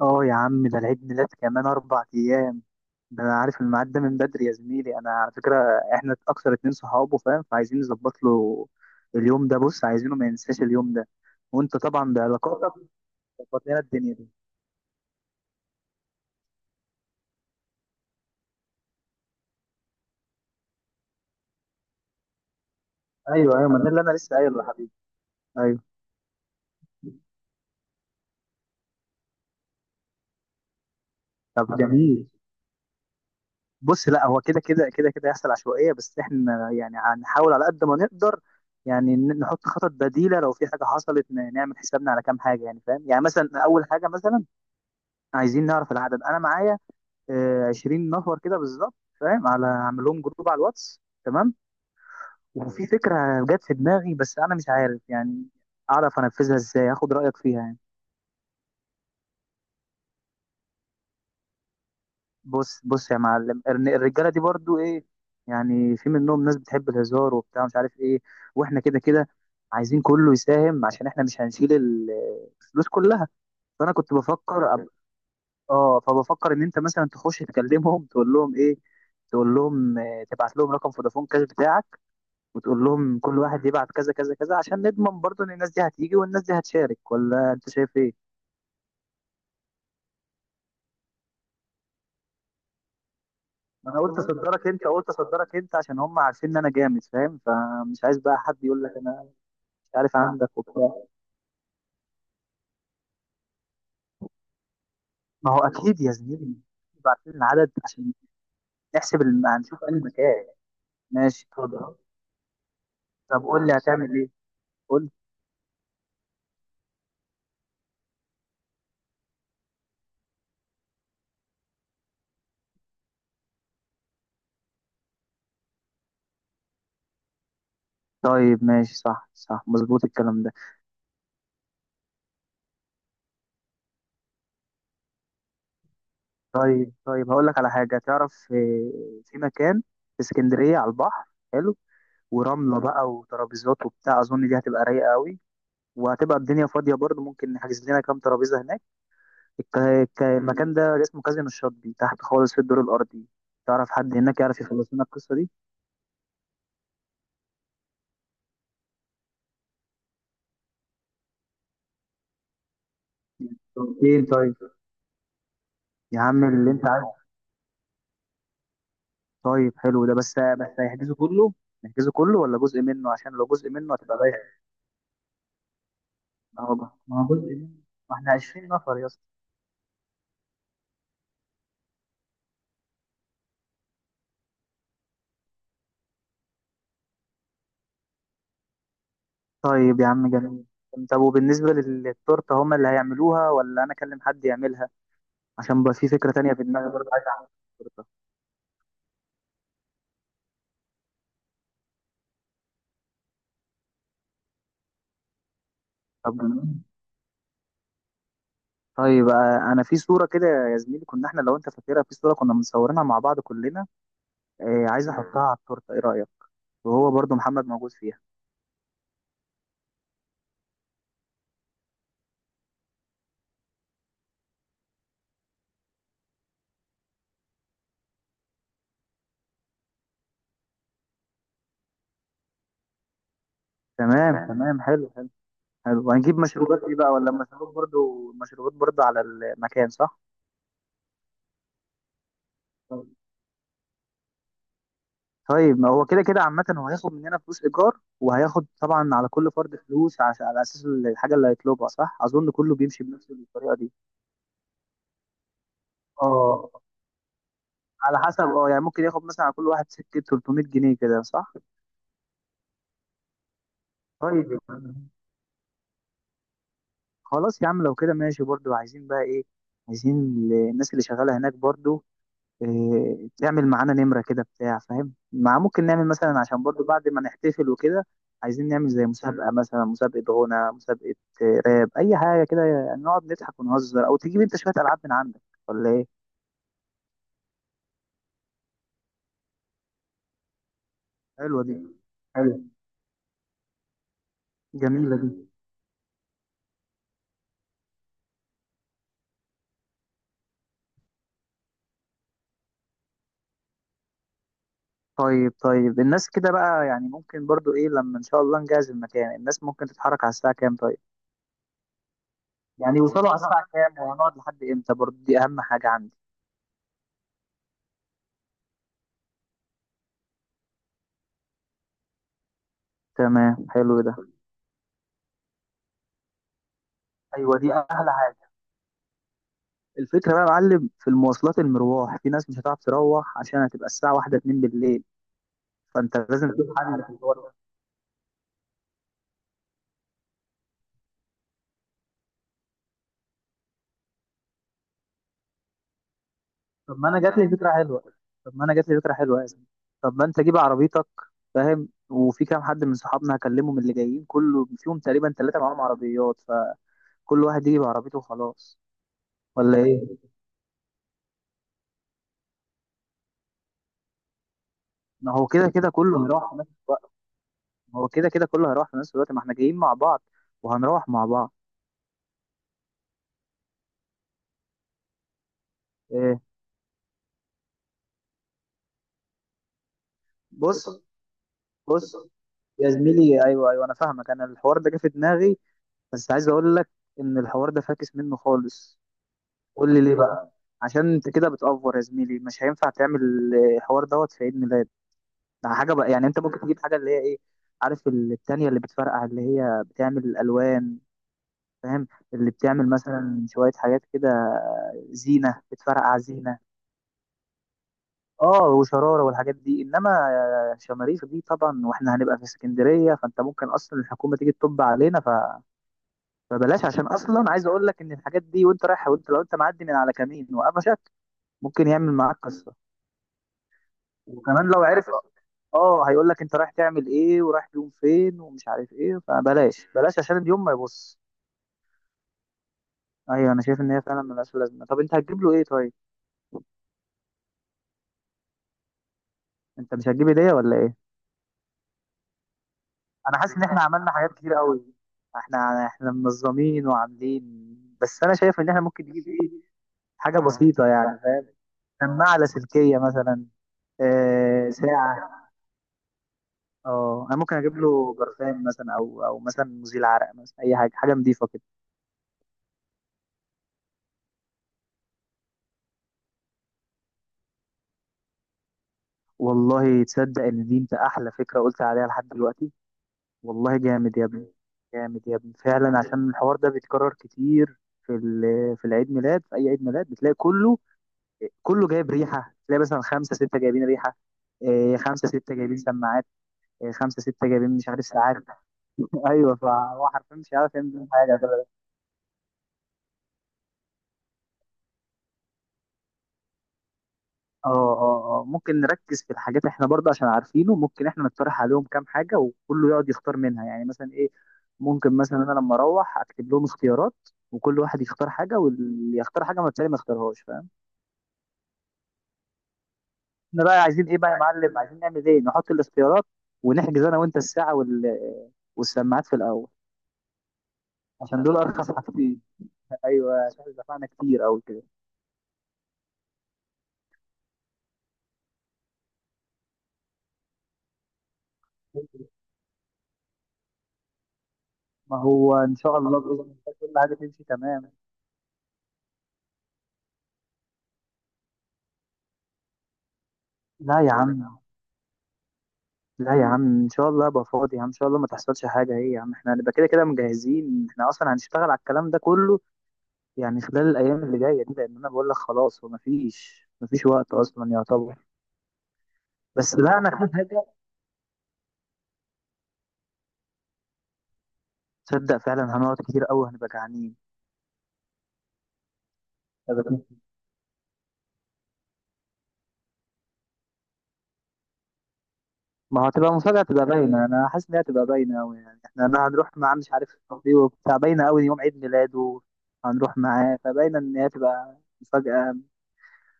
اه يا عم، ده العيد ميلاد كمان 4 ايام. ده انا عارف الميعاد ده من بدري يا زميلي، انا على فكره. احنا اكثر اتنين صحابه، فاهم؟ فعايزين نظبط له اليوم ده. بص، عايزينه ما ينساش اليوم ده. وانت طبعا بعلاقاتك ظبط لنا الدنيا دي. ايوه ايوه، ما ده اللي انا لسه قايله يا حبيبي. ايوه. طب جميل. بص، لا هو كده كده هيحصل عشوائيه، بس احنا يعني هنحاول على قد ما نقدر. يعني نحط خطط بديله، لو في حاجه حصلت نعمل حسابنا على كام حاجه، يعني فاهم، يعني مثلا اول حاجه مثلا، عايزين نعرف العدد. انا معايا 20 نفر كده بالظبط، فاهم؟ على اعمل لهم جروب على الواتس، تمام. وفي فكره جت في دماغي، بس انا مش عارف يعني اعرف انفذها ازاي، اخد رايك فيها يعني. بص بص يا معلم، الرجاله دي برضو ايه، يعني في منهم ناس بتحب الهزار وبتاع مش عارف ايه. واحنا كده كده عايزين كله يساهم، عشان احنا مش هنشيل الفلوس كلها. فانا كنت بفكر اه فبفكر ان انت مثلا تخش تكلمهم، تقول لهم ايه، تقول لهم تبعت لهم رقم فودافون كاش بتاعك، وتقول لهم كل واحد يبعت كذا كذا كذا، عشان نضمن برضو ان الناس دي هتيجي والناس دي هتشارك. ولا انت شايف ايه؟ ما انا قلت اصدرك انت، عشان هم عارفين ان انا جامد، فاهم؟ فمش عايز بقى حد يقول لك انا مش عارف عندك وبتاع. ما هو اكيد يا زميلي، بعتين العدد عشان نحسب هنشوف انهي مكان. ماشي، اتفضل. طب قول لي هتعمل ايه. قول لي. طيب، ماشي، صح صح، مظبوط الكلام ده. طيب طيب، هقول لك على حاجه. تعرف، في مكان في اسكندريه على البحر حلو، ورمله بقى وترابيزات وبتاع، اظن دي هتبقى رايقه قوي، وهتبقى الدنيا فاضيه برضه. ممكن نحجز لنا كام ترابيزه هناك. المكان ده اسمه كازينو الشاطبي، تحت خالص في الدور الارضي. تعرف حد هناك يعرف يخلص لنا القصه دي؟ ايه طيب. يا عم اللي انت عايزه. طيب حلو ده، بس بس هيحجزه كله؟ نحجزه كله ولا جزء منه، عشان لو جزء منه هتبقى بايخ. اه بقى، ما هو جزء منه. ما احنا 20 نفر يا اسطى. طيب يا عم، جميل. طب وبالنسبه للتورته، هما اللي هيعملوها ولا انا اكلم حد يعملها؟ عشان بقى في فكرة تانية في دماغي برضه عايز اعملها. الصورة. طب تمام. طيب، انا في صورة كده يا زميلي، كنا احنا لو انت فاكرها، في صورة كنا مصورينها مع بعض كلنا، عايز احطها على التورتة، ايه رأيك؟ وهو برضه محمد موجود فيها. تمام تمام تمام، حلو حلو. حلو، هنجيب مشروبات ايه بقى؟ ولا مشروب برضه، مشروبات برضه على المكان، صح؟ طيب. طيب، ما هو كده كده عامة هو هياخد مننا فلوس إيجار، وهياخد طبعا على كل فرد فلوس، عشان على أساس الحاجة اللي هيطلبها، صح؟ أظن كله بيمشي بنفس الطريقة دي. اه، على حسب، يعني ممكن ياخد مثلا على كل واحد سكة 300 جنيه كده، صح؟ طيب، خلاص يا عم، لو كده ماشي برضو. عايزين بقى ايه؟ عايزين الناس اللي شغالة هناك برضو، إيه، تعمل معانا نمرة كده بتاع، فاهم؟ مع ممكن نعمل مثلا، عشان برضو بعد ما نحتفل وكده عايزين نعمل زي مسابقة، مثلا مسابقة غنى، مسابقة راب، أي حاجة كده، يعني نقعد نضحك ونهزر، أو تجيب أنت شوية ألعاب من عندك. ولا إيه؟ حلوة دي. حلو. جميلة دي. طيب طيب، الناس كده بقى يعني ممكن برضو ايه، لما ان شاء الله نجهز المكان، الناس ممكن تتحرك على الساعة كام طيب؟ يعني يوصلوا على الساعة كام، وهنقعد لحد امتى، برضو دي اهم حاجة عندي. تمام، حلو ده. ايوه، دي احلى حاجة. الفكرة بقى يا معلم، في المواصلات، المرواح، في ناس مش هتعرف تروح، عشان هتبقى الساعة واحدة اتنين بالليل. فانت لازم تشوف حل في الحوار ده. طب ما انا جات لي فكرة حلوة طب ما انا جات لي فكرة حلوة يا زلمة. طب ما انت جيب عربيتك، فاهم؟ وفي كام حد من صحابنا هكلمهم، اللي جايين كله، فيهم تقريبا ثلاثة معاهم عربيات. كل واحد يجي بعربيته وخلاص. ولا ايه؟ ما هو كده كده كله هيروح في نفس الوقت ما هو كده كده كله هيروح في نفس الوقت، ما احنا جايين مع بعض وهنروح مع بعض. ايه. بص بص يا زميلي، ايوه ايوه انا فاهمك، انا الحوار ده جه في دماغي، بس عايز اقول لك ان الحوار ده فاكس منه خالص. قول لي ليه بقى. عشان انت كده بتأفور يا زميلي، مش هينفع تعمل الحوار دوت في عيد ميلاد. ده حاجه بقى، يعني انت ممكن تجيب حاجه اللي هي ايه، عارف التانية اللي بتفرقع اللي هي بتعمل الألوان، فاهم؟ اللي بتعمل مثلا شوية حاجات كده، زينة بتفرقع زينة. اه، وشرارة والحاجات دي، انما شماريخ دي طبعا، واحنا هنبقى في اسكندرية فانت ممكن اصلا الحكومة تيجي تطب علينا فبلاش، عشان اصلا عايز اقول لك ان الحاجات دي، وانت رايح، وانت لو انت معدي من على كمين وقفشك ممكن يعمل معاك قصة. وكمان لو عرف، اه هيقول لك انت رايح تعمل ايه ورايح يوم فين ومش عارف ايه، فبلاش بلاش عشان اليوم ما يبص. ايوه، انا شايف ان هي فعلا ملهاش لازمه. طب انت هتجيب له ايه طيب؟ انت مش هتجيب هديه ولا ايه؟ انا حاسس ان احنا عملنا حاجات كتير قوي، احنا منظمين وعاملين، بس انا شايف ان احنا ممكن نجيب ايه، حاجه بسيطه يعني، فاهم؟ سماعه لاسلكيه مثلا. آه ساعه. اه، انا ممكن اجيب له برفان مثلا، او مثلا مزيل عرق مثلا، اي حاجه نظيفه كده. والله تصدق ان دي انت احلى فكره قلت عليها لحد دلوقتي. والله جامد يا ابني. جامد يا ابني فعلا، عشان الحوار ده بيتكرر كتير، في العيد ميلاد، في اي عيد ميلاد بتلاقي كله، كله جايب ريحه، تلاقي مثلا خمسه سته جايبين ريحه، إيه، خمسه سته جايبين سماعات، إيه، خمسه سته جايبين مش عارف ساعات. ايوه، فهو حرفيا مش عارف يعمل بيهم حاجه. اه اه اه، ممكن نركز في الحاجات احنا برضه، عشان عارفينه ممكن احنا نقترح عليهم كام حاجه وكله يقعد يختار منها، يعني مثلا ايه، ممكن مثلا انا لما اروح اكتب لهم اختيارات، وكل واحد يختار حاجه، واللي يختار حاجه ما التاني ما يختارهاش، فاهم؟ احنا بقى عايزين ايه بقى يا معلم، عايزين نعمل ايه، نحط الاختيارات ونحجز انا وانت الساعه والسماعات في الاول، عشان دول ارخص حاجتين. ايوه، عشان دفعنا كتير قوي كده. ما هو ان شاء الله باذن الله كل حاجه تمشي تمام. لا يا عم. لا يا عم، ان شاء الله ابقى فاضي يا عم، ان شاء الله ما تحصلش حاجه. ايه يا عم، احنا هنبقى كده كده مجهزين، احنا اصلا هنشتغل على الكلام ده كله، يعني خلال الايام اللي جايه دي، لان انا بقول لك خلاص وما فيش ما فيش وقت اصلا يعتبر. بس لا، انا في حاجه، تصدق فعلا هنقعد كتير قوي هنبقى جعانين. ما هتبقى مفاجأة، تبقى باينة. أنا حاسس إن هي هتبقى باينة أوي، يعني إحنا أنا هنروح معاه مش عارف، دي وبتاع، باينة أوي يوم عيد ميلاده، هنروح معاه فباينة إن هي تبقى مفاجأة،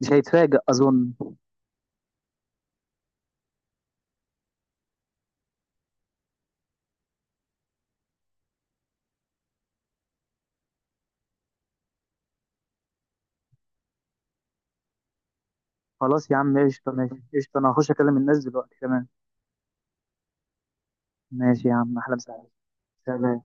مش هيتفاجأ أظن. خلاص يا عم، قشطة، ماشي، قشطة، أنا هخش أكلم الناس دلوقتي كمان. ماشي يا عم، أحلى مساعدة. سلام.